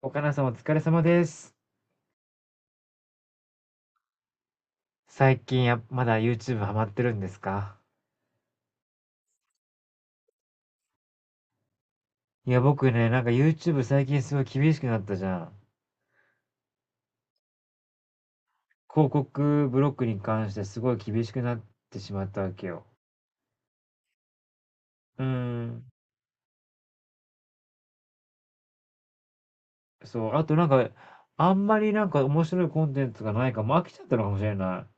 岡菜さんお疲れ様です。最近や、まだ YouTube ハマってるんですか？いや、僕ね、なんか YouTube 最近すごい厳しくなったじゃん。広告ブロックに関してすごい厳しくなってしまったわけよ。うーん。そう。あとなんか、あんまりなんか面白いコンテンツがないから、も飽きちゃったのかもしれない。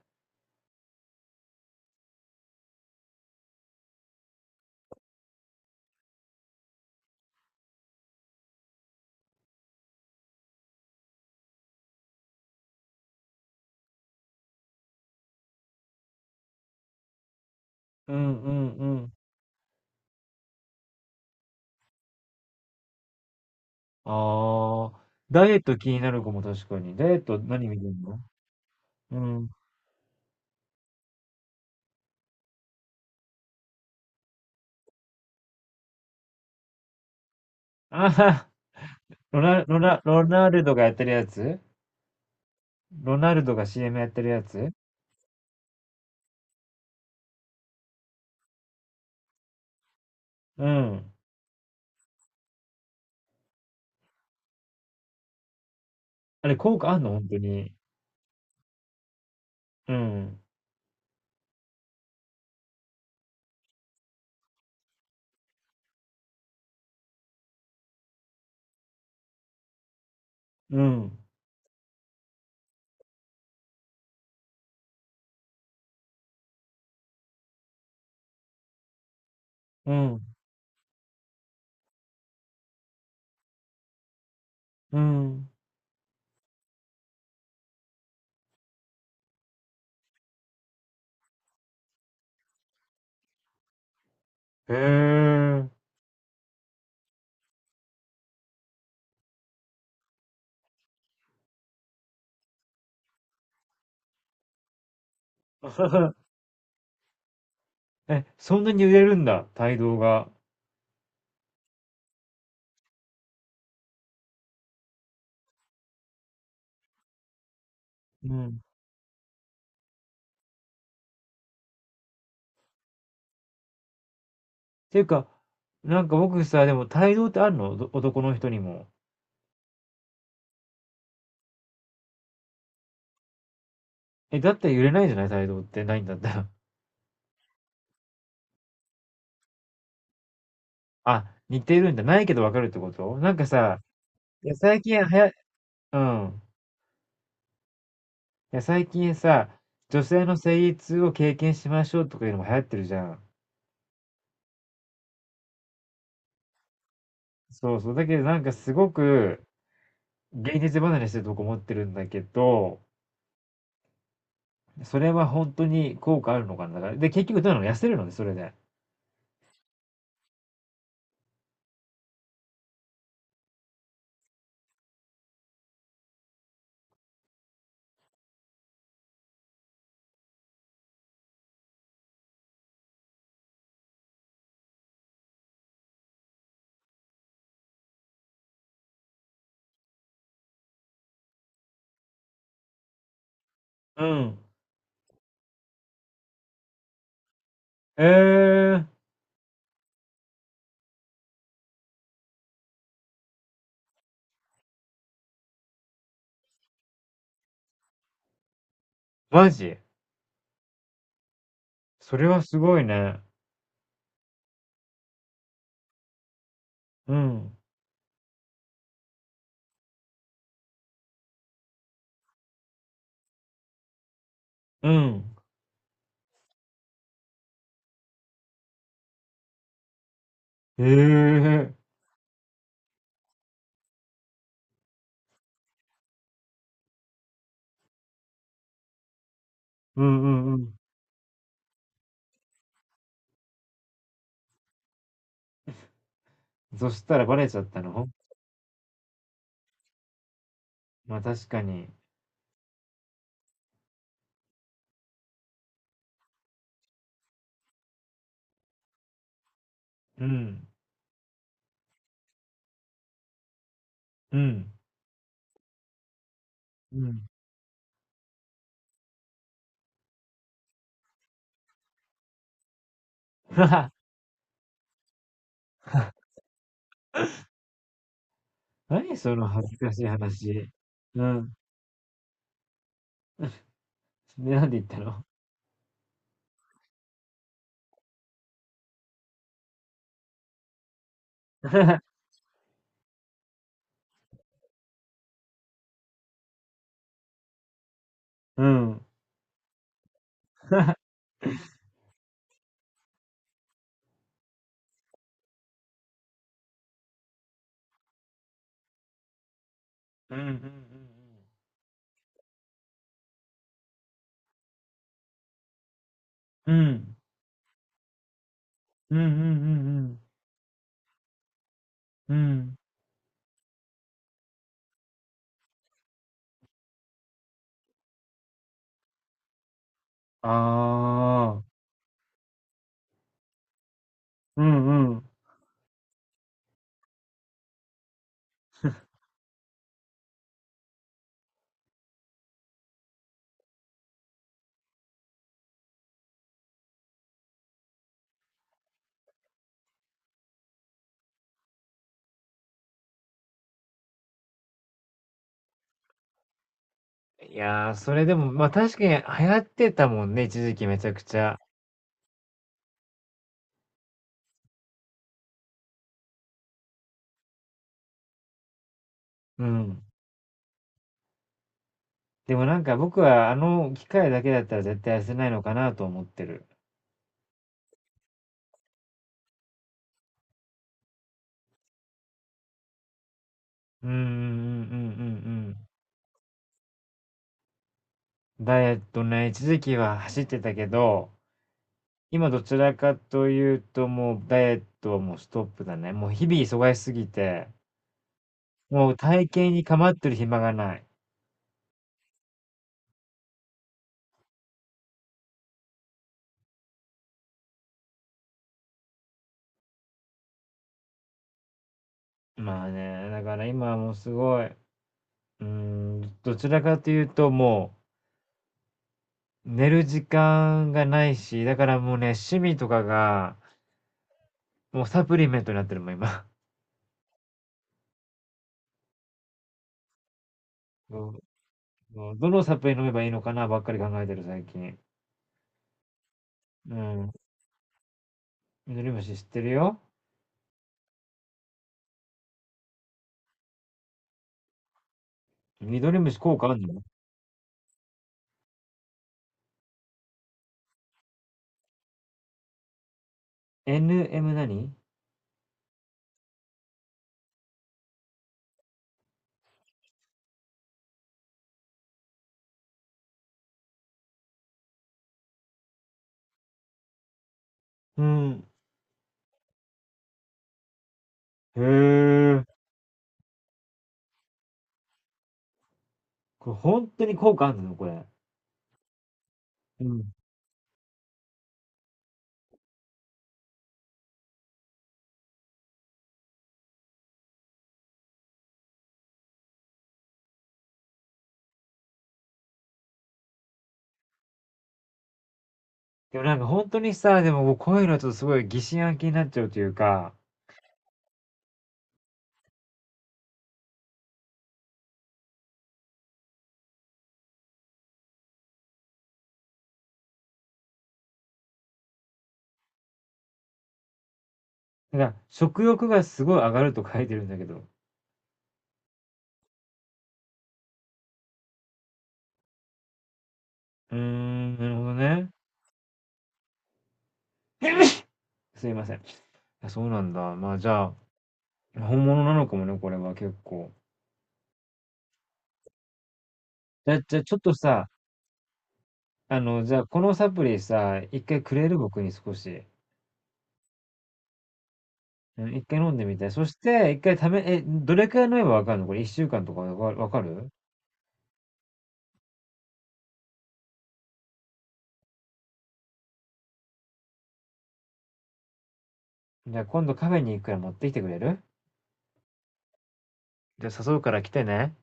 うんうんうん。ああ、ダイエット気になる子も確かに。ダイエット何見てんの？うん。あはは、ロナルドがやってるやつ？ロナルドが CM やってるやつ？うん。あれ効果あんの本当に？うん。うん。うん。うん。へえ。え、そんなに売れるんだ、帯同が？うん。っていうか、なんか僕さ、でも帯同ってあるのおど男の人にも？え、だったら揺れないじゃない、帯同ってないんだったら。あ、似てるんだ。ないけどわかるってことなんかさ、いや最近はや、うん。いや最近さ、女性の生理痛を経験しましょうとかいうのも流行ってるじゃん。そうそう。だけどなんかすごく現実離れしてるとこ思ってるんだけど、それは本当に効果あるのかな。だからで、結局どうなの、痩せるのね、それで。うん、えー、マジ？それはすごいね。うん、うん、えー、うん、うん、うん、そしたらバレちゃったの？まあ確かに。うん、うん。うん。何その恥ずかしい話。うん。で、なんで言ったの？ うん、うん、うん、うん。うんうん。うんうんうんうんうん。うん。ああ。うんうん。いやー、それでも、ま、確かに流行ってたもんね、一時期めちゃくちゃ。うん。でもなんか僕はあの機械だけだったら絶対痩せないのかなと思ってる。うんうんうんうんうんうん。ダイエットね、一時期は走ってたけど、今どちらかというともうダイエットはもうストップだね。もう日々忙しすぎて、もう体型に構ってる暇がない。まあね、だから今はもうすごい、うーん、どちらかというともう寝る時間がないし、だからもうね、趣味とかが、もうサプリメントになってるもん、今。もう、もうどのサプリ飲めばいいのかなばっかり考えてる、最近。うん。緑虫知ってるよ。緑虫効果あんの？ NM 何？うん。へえ。これ本当に効果あんの、これ？うん。でもなんか本当にさ、でもこういうのはちょっとすごい疑心暗鬼になっちゃうというか、だから、食欲がすごい上がると書いてるんだけど。うーん、なるほどね。すいません。あそうなんだ。まあ、じゃあ、本物なのかもね、これは結構。じゃあ、じゃ、ちょっとさ、あの、じゃあ、このサプリさ、一回くれる、僕に少し？うん、一回飲んでみて。そして、一回ため、え、どれくらい飲めばわかるの、これ、一週間とかわかわかる？じゃあ、今度カフェに行くから持ってきてくれる？じゃあ、誘うから来てね。